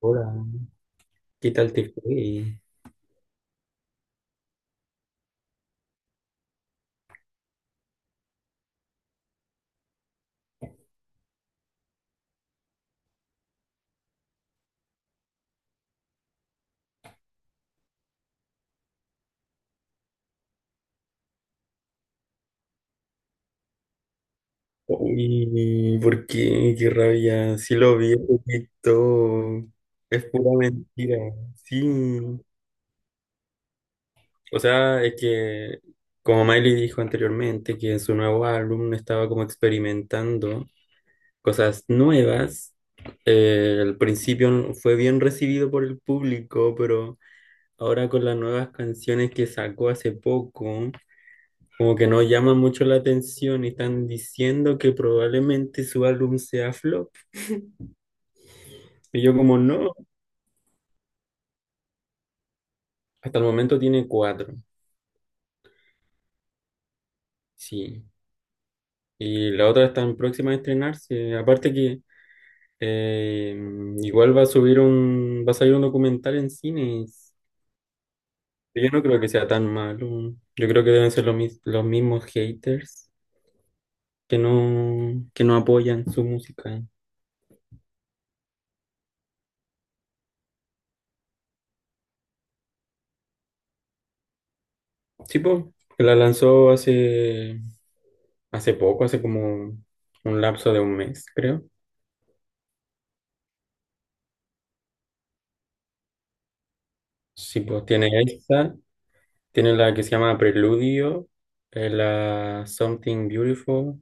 Hola, ¿qué tal te fue? Uy, ¿por qué? Qué rabia. Sí lo vi, lo quitó. Es pura mentira. Sí. O sea, es que como Miley dijo anteriormente, que en su nuevo álbum estaba como experimentando cosas nuevas. Al principio fue bien recibido por el público, pero ahora con las nuevas canciones que sacó hace poco. Como que no llama mucho la atención y están diciendo que probablemente su álbum sea flop. Y yo como no, hasta el momento tiene cuatro, sí. Y la otra está en próxima a estrenarse. Aparte que eh, igual va a salir un documental en cines. Yo no creo que sea tan malo. Yo creo que deben ser los mismos haters que no apoyan su música. Sí, po, que la lanzó hace poco, hace como un lapso de un mes, creo. Sí, pues tiene esta, tiene la que se llama Preludio, la Something Beautiful,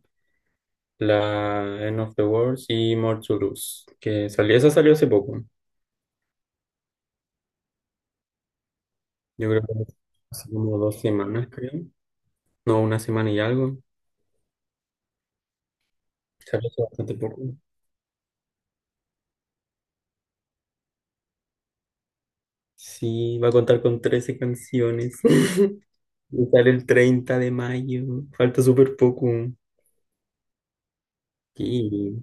la End of the World y More to Lose, esa salió hace poco. Yo creo que hace como 2 semanas, creo. No, una semana y algo. Salió hace bastante poco. Sí, va a contar con 13 canciones. Y sale el 30 de mayo. Falta súper poco. Y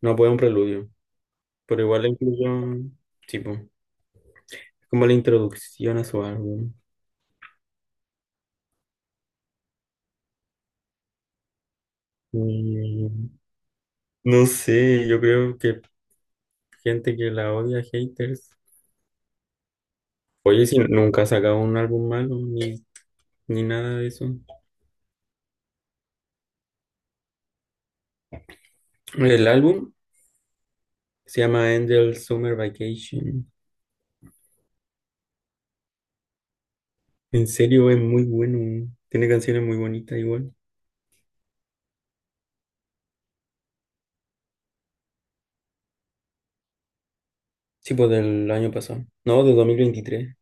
no puede un preludio. Pero igual la incluyo, tipo, es como la introducción a su álbum. Y no sé, yo creo que gente que la odia, haters. Oye, si nunca ha sacado un álbum malo, ni nada de eso. El álbum se llama Angel Summer Vacation. En serio, es muy bueno. Tiene canciones muy bonitas igual. Sí, pues del año pasado. No, de 2023.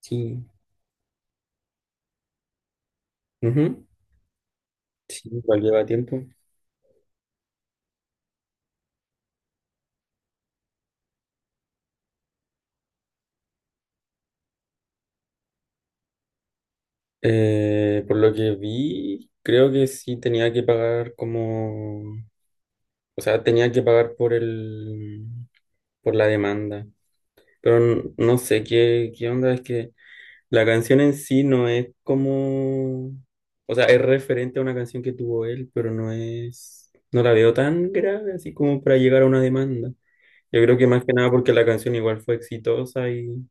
Sí. Ujú. Sí, igual lleva tiempo. Por lo que vi, creo que sí tenía que pagar como, o sea, tenía que pagar por la demanda. Pero no sé qué onda, es que la canción en sí no es como, o sea, es referente a una canción que tuvo él, pero no la veo tan grave así como para llegar a una demanda. Yo creo que más que nada porque la canción igual fue exitosa y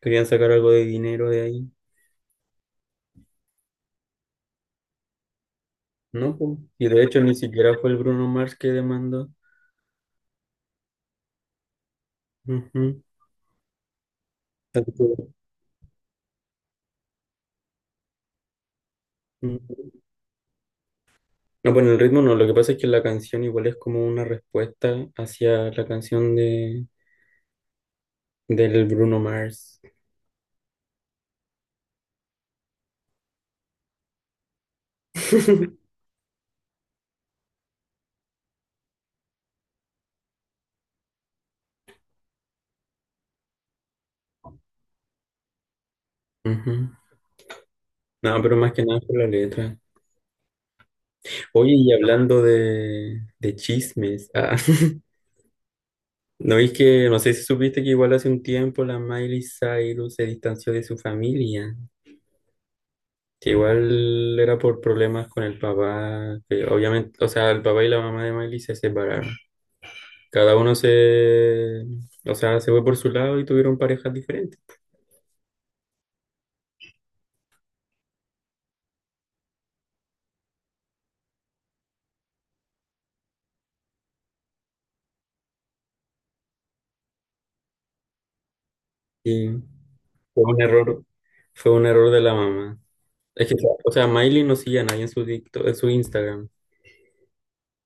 querían sacar algo de dinero de ahí. No, pues, y de hecho ni siquiera fue el Bruno Mars que demandó. Ujú. Así que, ujú. No, bueno, el ritmo no, lo que pasa es que la canción igual es como una respuesta hacia la canción del Bruno Mars. Ujú. No, pero más que nada por la letra. Oye, y hablando de chismes, ah, no sé si supiste que igual hace un tiempo la Miley Cyrus se distanció de su familia. Que igual era por problemas con el papá, que obviamente, o sea, el papá y la mamá de Miley se separaron. Cada uno se, o sea, se fue por su lado y tuvieron parejas diferentes. Y fue un error, fue un error de la mamá. Es que, o sea, Miley no sigue a nadie en su en su Instagram.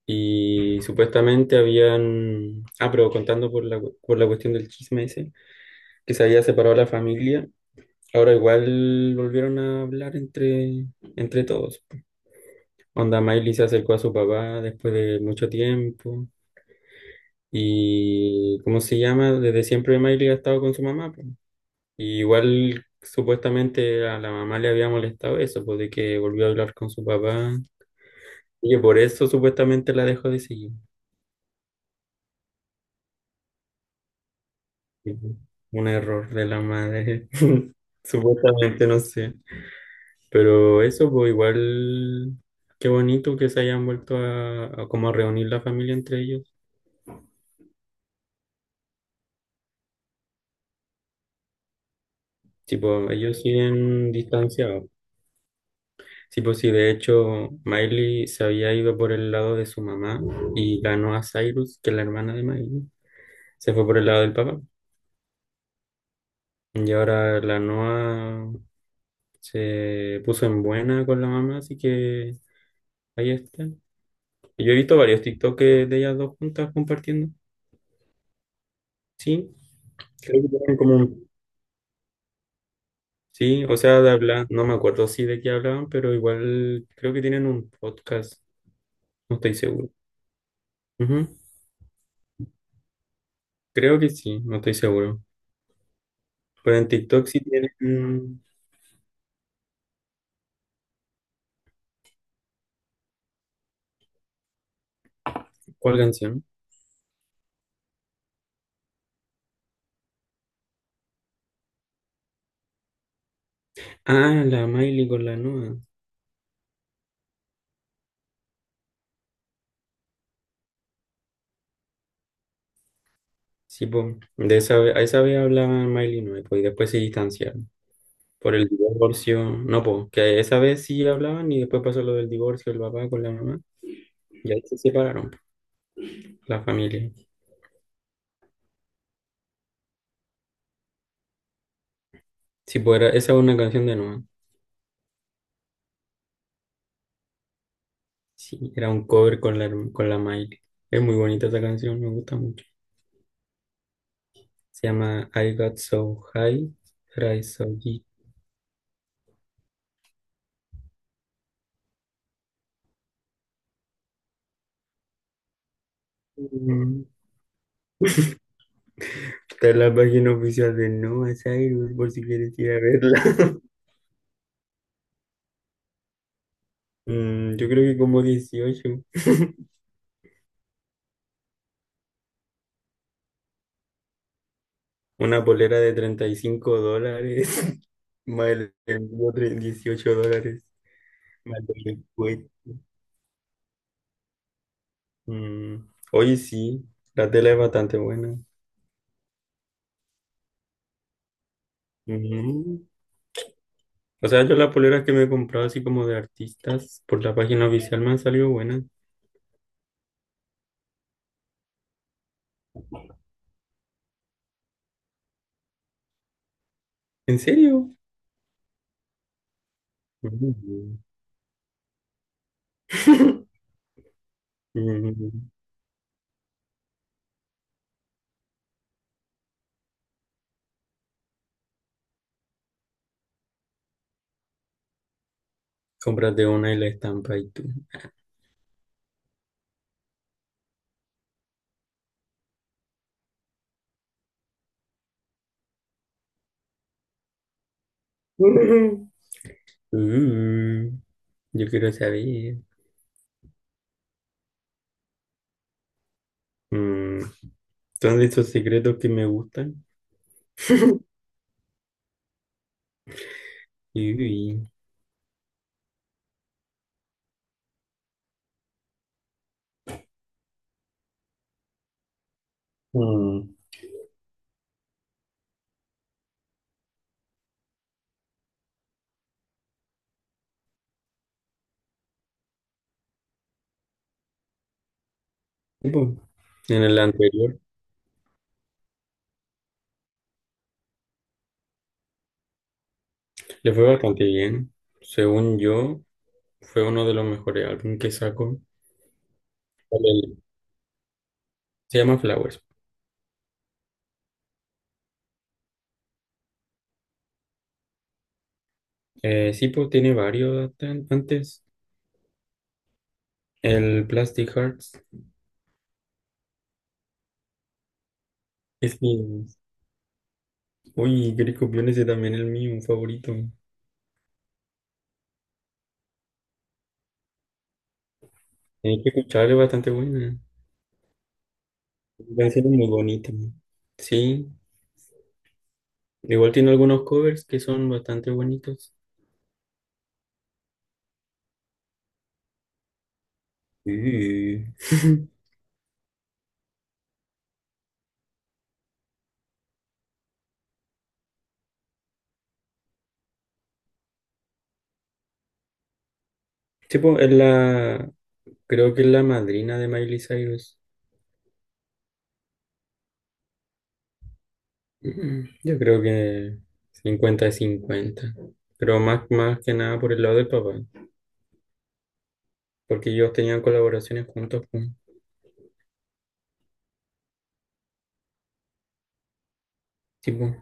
Y supuestamente habían, pero contando por la cuestión del chisme ese, que se había separado la familia, ahora igual volvieron a hablar entre todos. Onda Miley se acercó a su papá después de mucho tiempo. Y, ¿cómo se llama? Desde siempre Miley ha estado con su mamá, po. Y igual supuestamente a la mamá le había molestado eso, pues de que volvió a hablar con su papá. Y que por eso supuestamente la dejó de seguir. Y, pues, un error de la madre. Supuestamente, no sé. Pero eso, pues igual, qué bonito que se hayan vuelto a como a reunir la familia entre ellos. Tipo, ellos siguen distanciados. Sí, pues sí, de hecho, Miley se había ido por el lado de su mamá y ganó a Cyrus, que es la hermana de Miley. Se fue por el lado del papá. Y ahora la Noa se puso en buena con la mamá, así que ahí está. Y yo he visto varios TikToks de ellas dos juntas compartiendo. Sí, creo que tienen como un... Sí, o sea, de hablar, no me acuerdo sí de qué hablaban, pero igual creo que tienen un podcast, no estoy seguro. Ujú, Creo que sí, no estoy seguro. Pero en TikTok sí tienen... ¿Cuál canción? Ah, la Miley con la Noa. Sí, po. De esa, a esa vez hablaban Miley y Noa, po, y después se distanciaron. Por el divorcio. No, pues, que esa vez sí hablaban y después pasó lo del divorcio del papá con la mamá. Y ahí se separaron, po, la familia. Sí, pues esa es una canción de Noa. Sí, era un cover con con la Miley. Es muy bonita esa canción, me gusta mucho. Se llama I Got So High, Fry So Geek. Está en la página oficial de Noah Cyrus, por si quieres ir a verla. Mm, yo creo que como 18. Una polera de $35. Más el envío, $18. Más el descuento. Mm, Oye, sí. La tela es bastante buena. Ujú. O sea, yo las poleras que me he comprado así como de artistas por la página oficial me han salido buenas. ¿En serio? Mm. Mm. Cómprate una y la estampa y tú. Mm. Yo quiero saber. Mm. Son de esos secretos que me gustan. Y, mm, pues, en el anterior le fue bastante bien. Según yo, fue uno de los mejores álbumes que sacó. El- Se llama Flowers. Sí, pues tiene varios antes. El Plastic Hearts es mi. Uy, Grey Copión, ese también es el mío, un favorito. Tienes que escucharlo, es bastante buena. La canción es muy bonita. Sí, igual tiene algunos covers que son bastante bonitos. Sí. Sí, pues, es creo que es la madrina de Miley Cyrus. Yo creo que 50 de 50. Pero más que nada por el lado del papá. Porque ellos tenían colaboraciones juntos, pues. Sí, pues.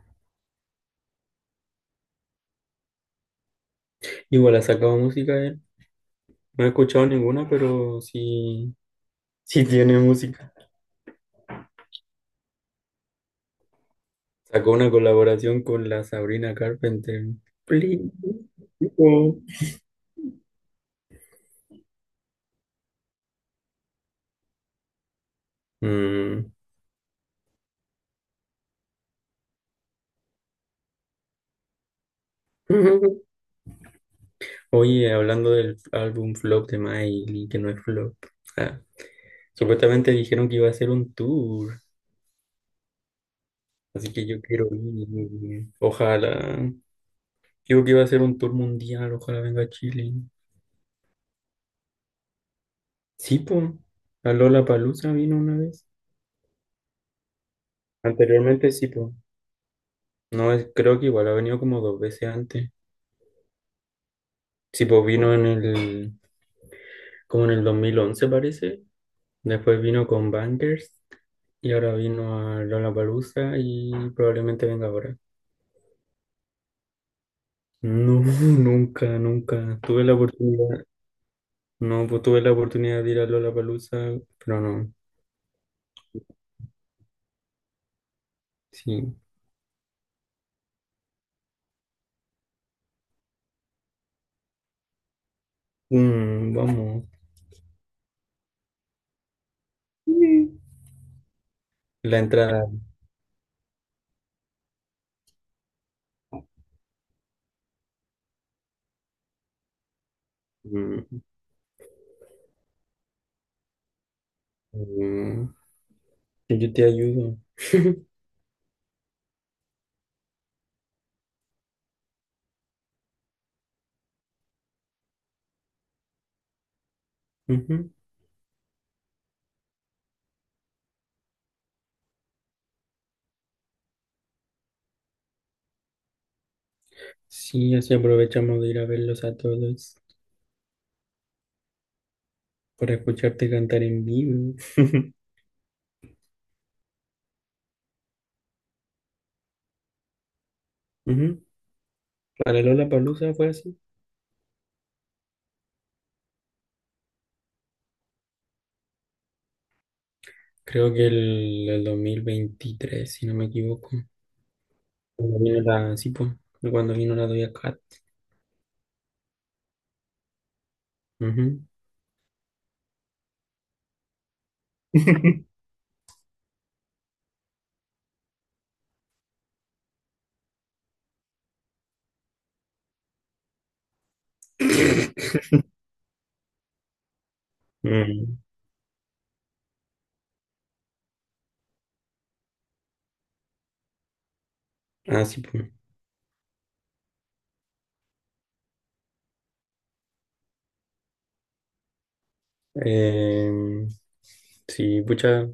Igual ha sacado música él. No he escuchado ninguna, pero sí, sí tiene música. Sacó una colaboración con la Sabrina Carpenter. Please. Oh. Mm. Oye, hablando del álbum flop de Miley, que no es flop. Ah. Supuestamente dijeron que iba a hacer un tour, así que yo quiero ir. Ojalá. Digo que iba a hacer un tour mundial, ojalá venga a Chile. Sí, po. A Lollapalooza vino una vez. Anteriormente sí, po. No, creo que igual ha venido como dos veces antes. Sí, po, vino como en el 2011 parece. Después vino con Bangers y ahora vino a Lollapalooza y probablemente venga ahora. No, nunca, nunca tuve la oportunidad. No, pues tuve la oportunidad de ir a Lollapalooza, pero no. Sí. Mm, vamos. Sí. La entrada. Mm, mm, yo te ayudo. Ujú. Sí, así aprovechamos de ir a verlos a todos para escucharte cantar en vivo. Ujú. Para Lollapalooza fue así. Creo que el 2023 si no me equivoco. Sí, pues, cuando vino la Doja Cat. Ujú. Mm. Ah, sí, pues. Em, sí, pucha,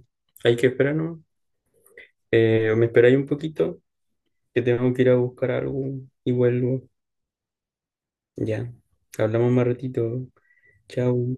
hay que esperar, ¿no? Me esperáis un poquito, que tengo que ir a buscar algo y vuelvo. Ya, hablamos más ratito. Chao.